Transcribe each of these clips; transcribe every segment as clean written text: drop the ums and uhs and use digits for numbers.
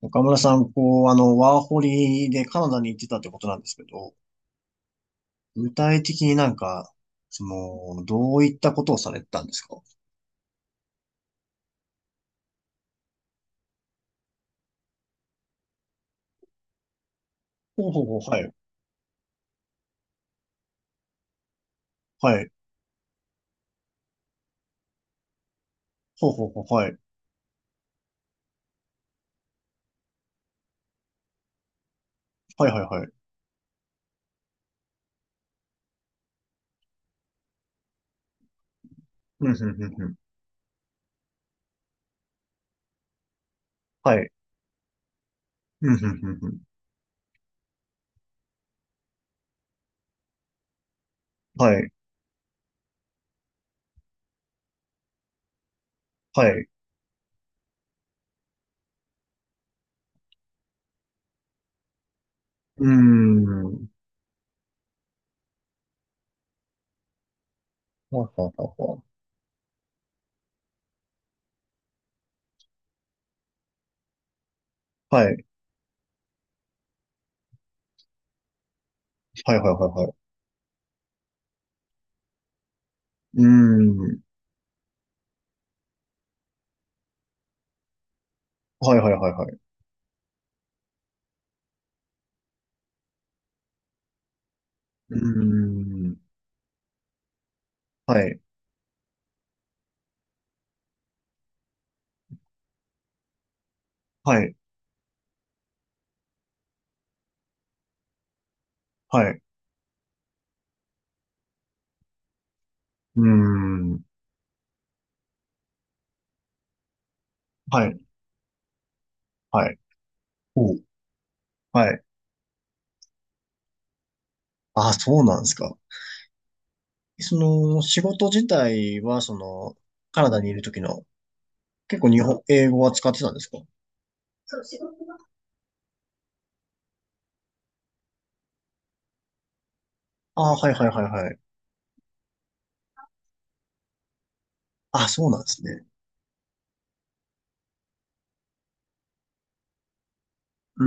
岡村さん、こう、ワーホリでカナダに行ってたってことなんですけど、具体的になんか、その、どういったことをされてたんですか？ほうほうほう、はい。はい。ほうほうほう、はい。はいはいはい。うん、ふんふんふん。はい。うん、ふんふんふん。はい。はい。うーん。はいはいはいはい。はい。はいはいはいはい。うーん。はいはいはいはい。うーん。はい。はい。はい。うーん。はい。はい。ほう。はい。あ、そうなんですか。その、仕事自体は、その、カナダにいる時の、結構日本、英語は使ってたんですか？そう、仕事が。あーはいはいはいはい。あ、そうなんですね。うー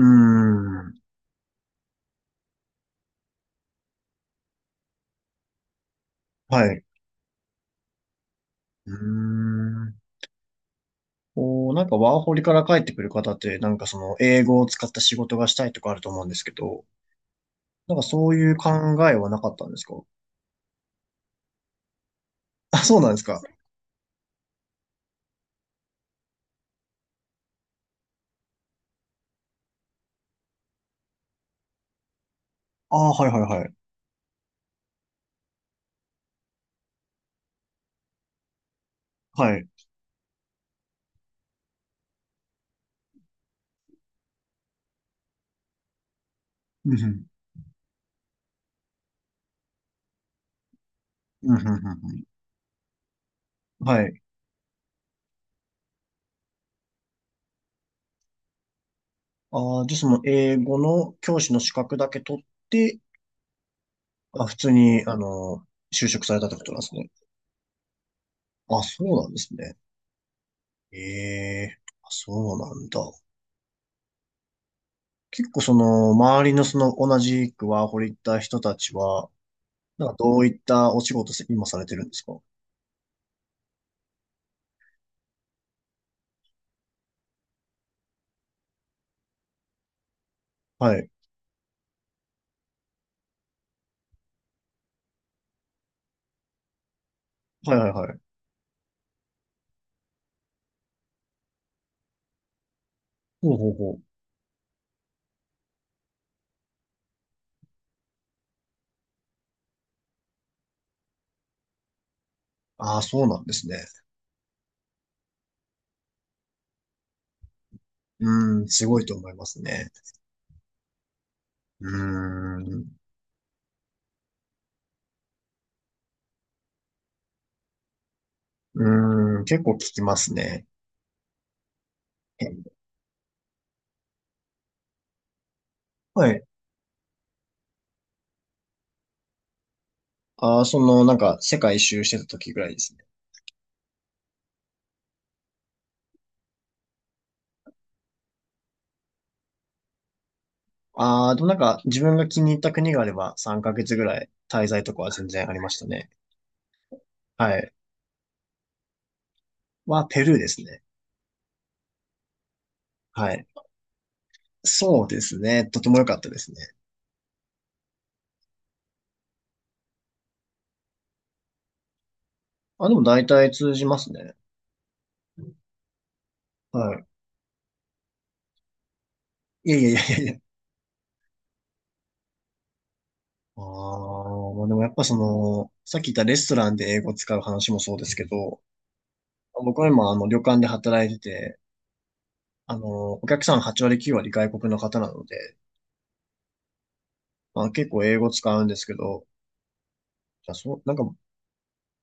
ん。はい。うーん。こう、なんかワーホリから帰ってくる方って、なんかその英語を使った仕事がしたいとかあると思うんですけど、なんかそういう考えはなかったんですか？あ、そうなんですか。ああ、はいはいはい。はい。うんふん。うんふんふんふん。はい。ああ、じゃあその英語の教師の資格だけ取って、あ、普通に、就職されたってことなんですね。あ、そうなんですね。ええ、あ、そうなんだ。結構その、周りのその、同じくワーホリ行った人たちは、なんかどういったお仕事せ今されてるんですか？はい。はいはいはい。ほうほうほう。ああ、そうなんですね。うーん、すごいと思いますね。うーん。うーん、結構聞きますね。え、はい。ああ、その、なんか、世界一周してた時ぐらいですね。ああ、でもなんか自分が気に入った国があれば3ヶ月ぐらい滞在とかは全然ありましたね。はい。は、ペルーですね。はい。そうですね。とても良かったですね。あ、でも大体通じますね。はい。いやいやいやいやいや。ああ、まあでもやっぱその、さっき言ったレストランで英語使う話もそうですけど、僕は今旅館で働いてて、お客さん8割9割外国の方なので、まあ結構英語使うんですけど、じゃあそう、なんか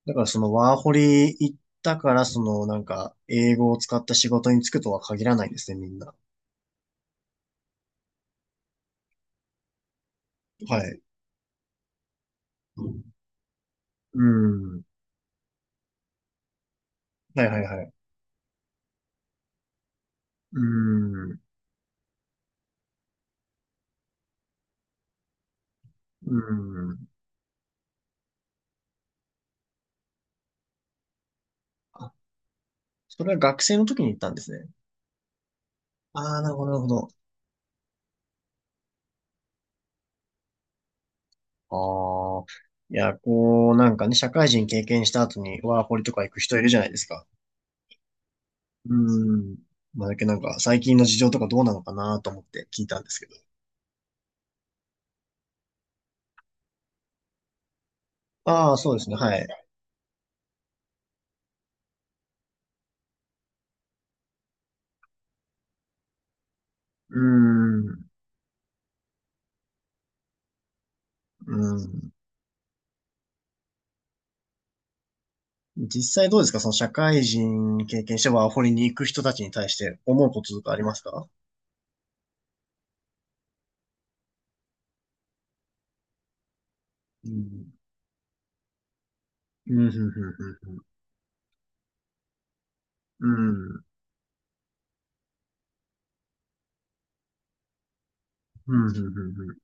だからそのワーホリ行ったから、そのなんか英語を使った仕事に就くとは限らないですね、みんな。はい。うん。はいはいはい。うん。うん。あ、それは学生の時に行ったんですね。ああ、なるほど、なるほど。ああ。いや、こう、なんかね、社会人経験した後にワーホリとか行く人いるじゃないですか。うん。まあ、だけどなんか最近の事情とかどうなのかなと思って聞いたんですけど。ああ、そうですね、はい。うん。うん。実際どうですか、その社会人経験してワーホリに行く人たちに対して思うこととかありますか？うん。うん、うん、うん、うん。うん、うん、うん、うん。ん、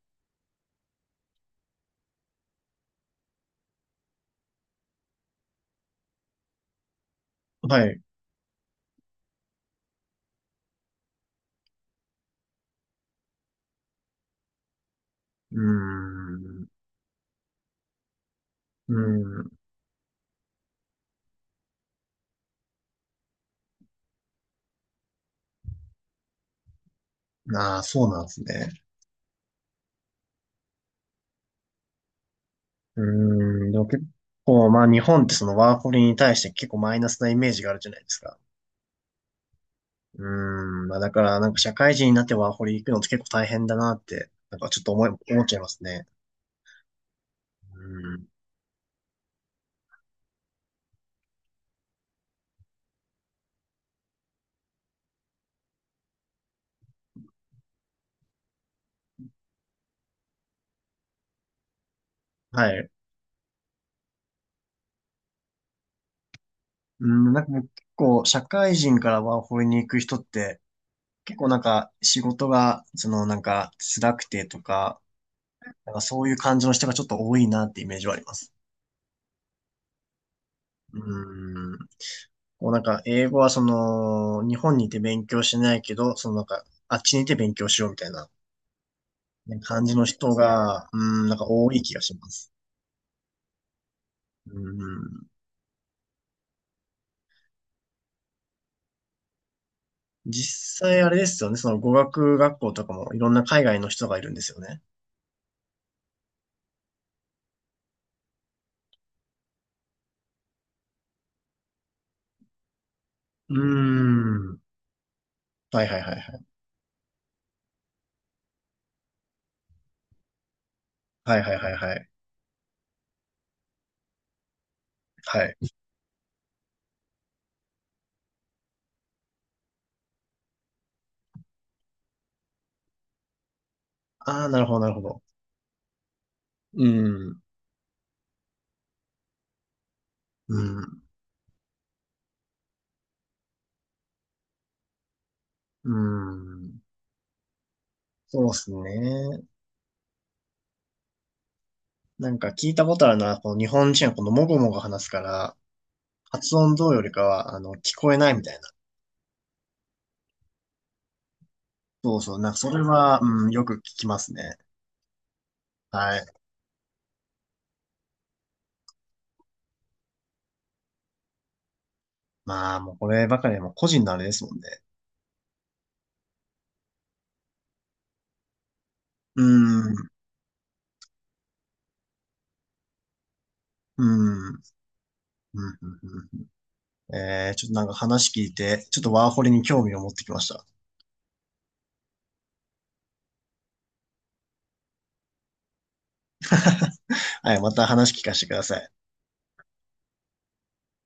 ふん、はい。うん。うん。ああ、そうなんですね。うん。でも結構、まあ日本ってそのワーホリに対して結構マイナスなイメージがあるじゃないですか。うん。まあだからなんか社会人になってワーホリ行くのって結構大変だなって、なんかちょっと思っちゃいますね。うん。はい。うん、なんかもう結構社会人からワーホリに行く人って結構なんか仕事がそのなんか辛くてとか、なんかそういう感じの人がちょっと多いなってイメージはあります。うん。こうなんか英語はその日本にいて勉強しないけど、そのなんかあっちにいて勉強しようみたいなね感じの人が、うん、なんか多い気がします。うん。実際あれですよね、その語学学校とかもいろんな海外の人がいるんですよね。うん。はいはいはいはい。はいはいはいはい。はい。ああ、なるほど、なるほど。うん。うん。うん。そうですね。なんか聞いたことあるのは、この日本人はこのもごもご話すから、発音どうよりかは、聞こえないみたいな。そうそう。なんかそれは、うん、よく聞きますね。はい。まあ、もうこればかりはもう個人のあれですもんね。うん。うん。うんうんうん、えー、ちょっとなんか話聞いて、ちょっとワーホリに興味を持ってきました。はい、また話聞かせてください。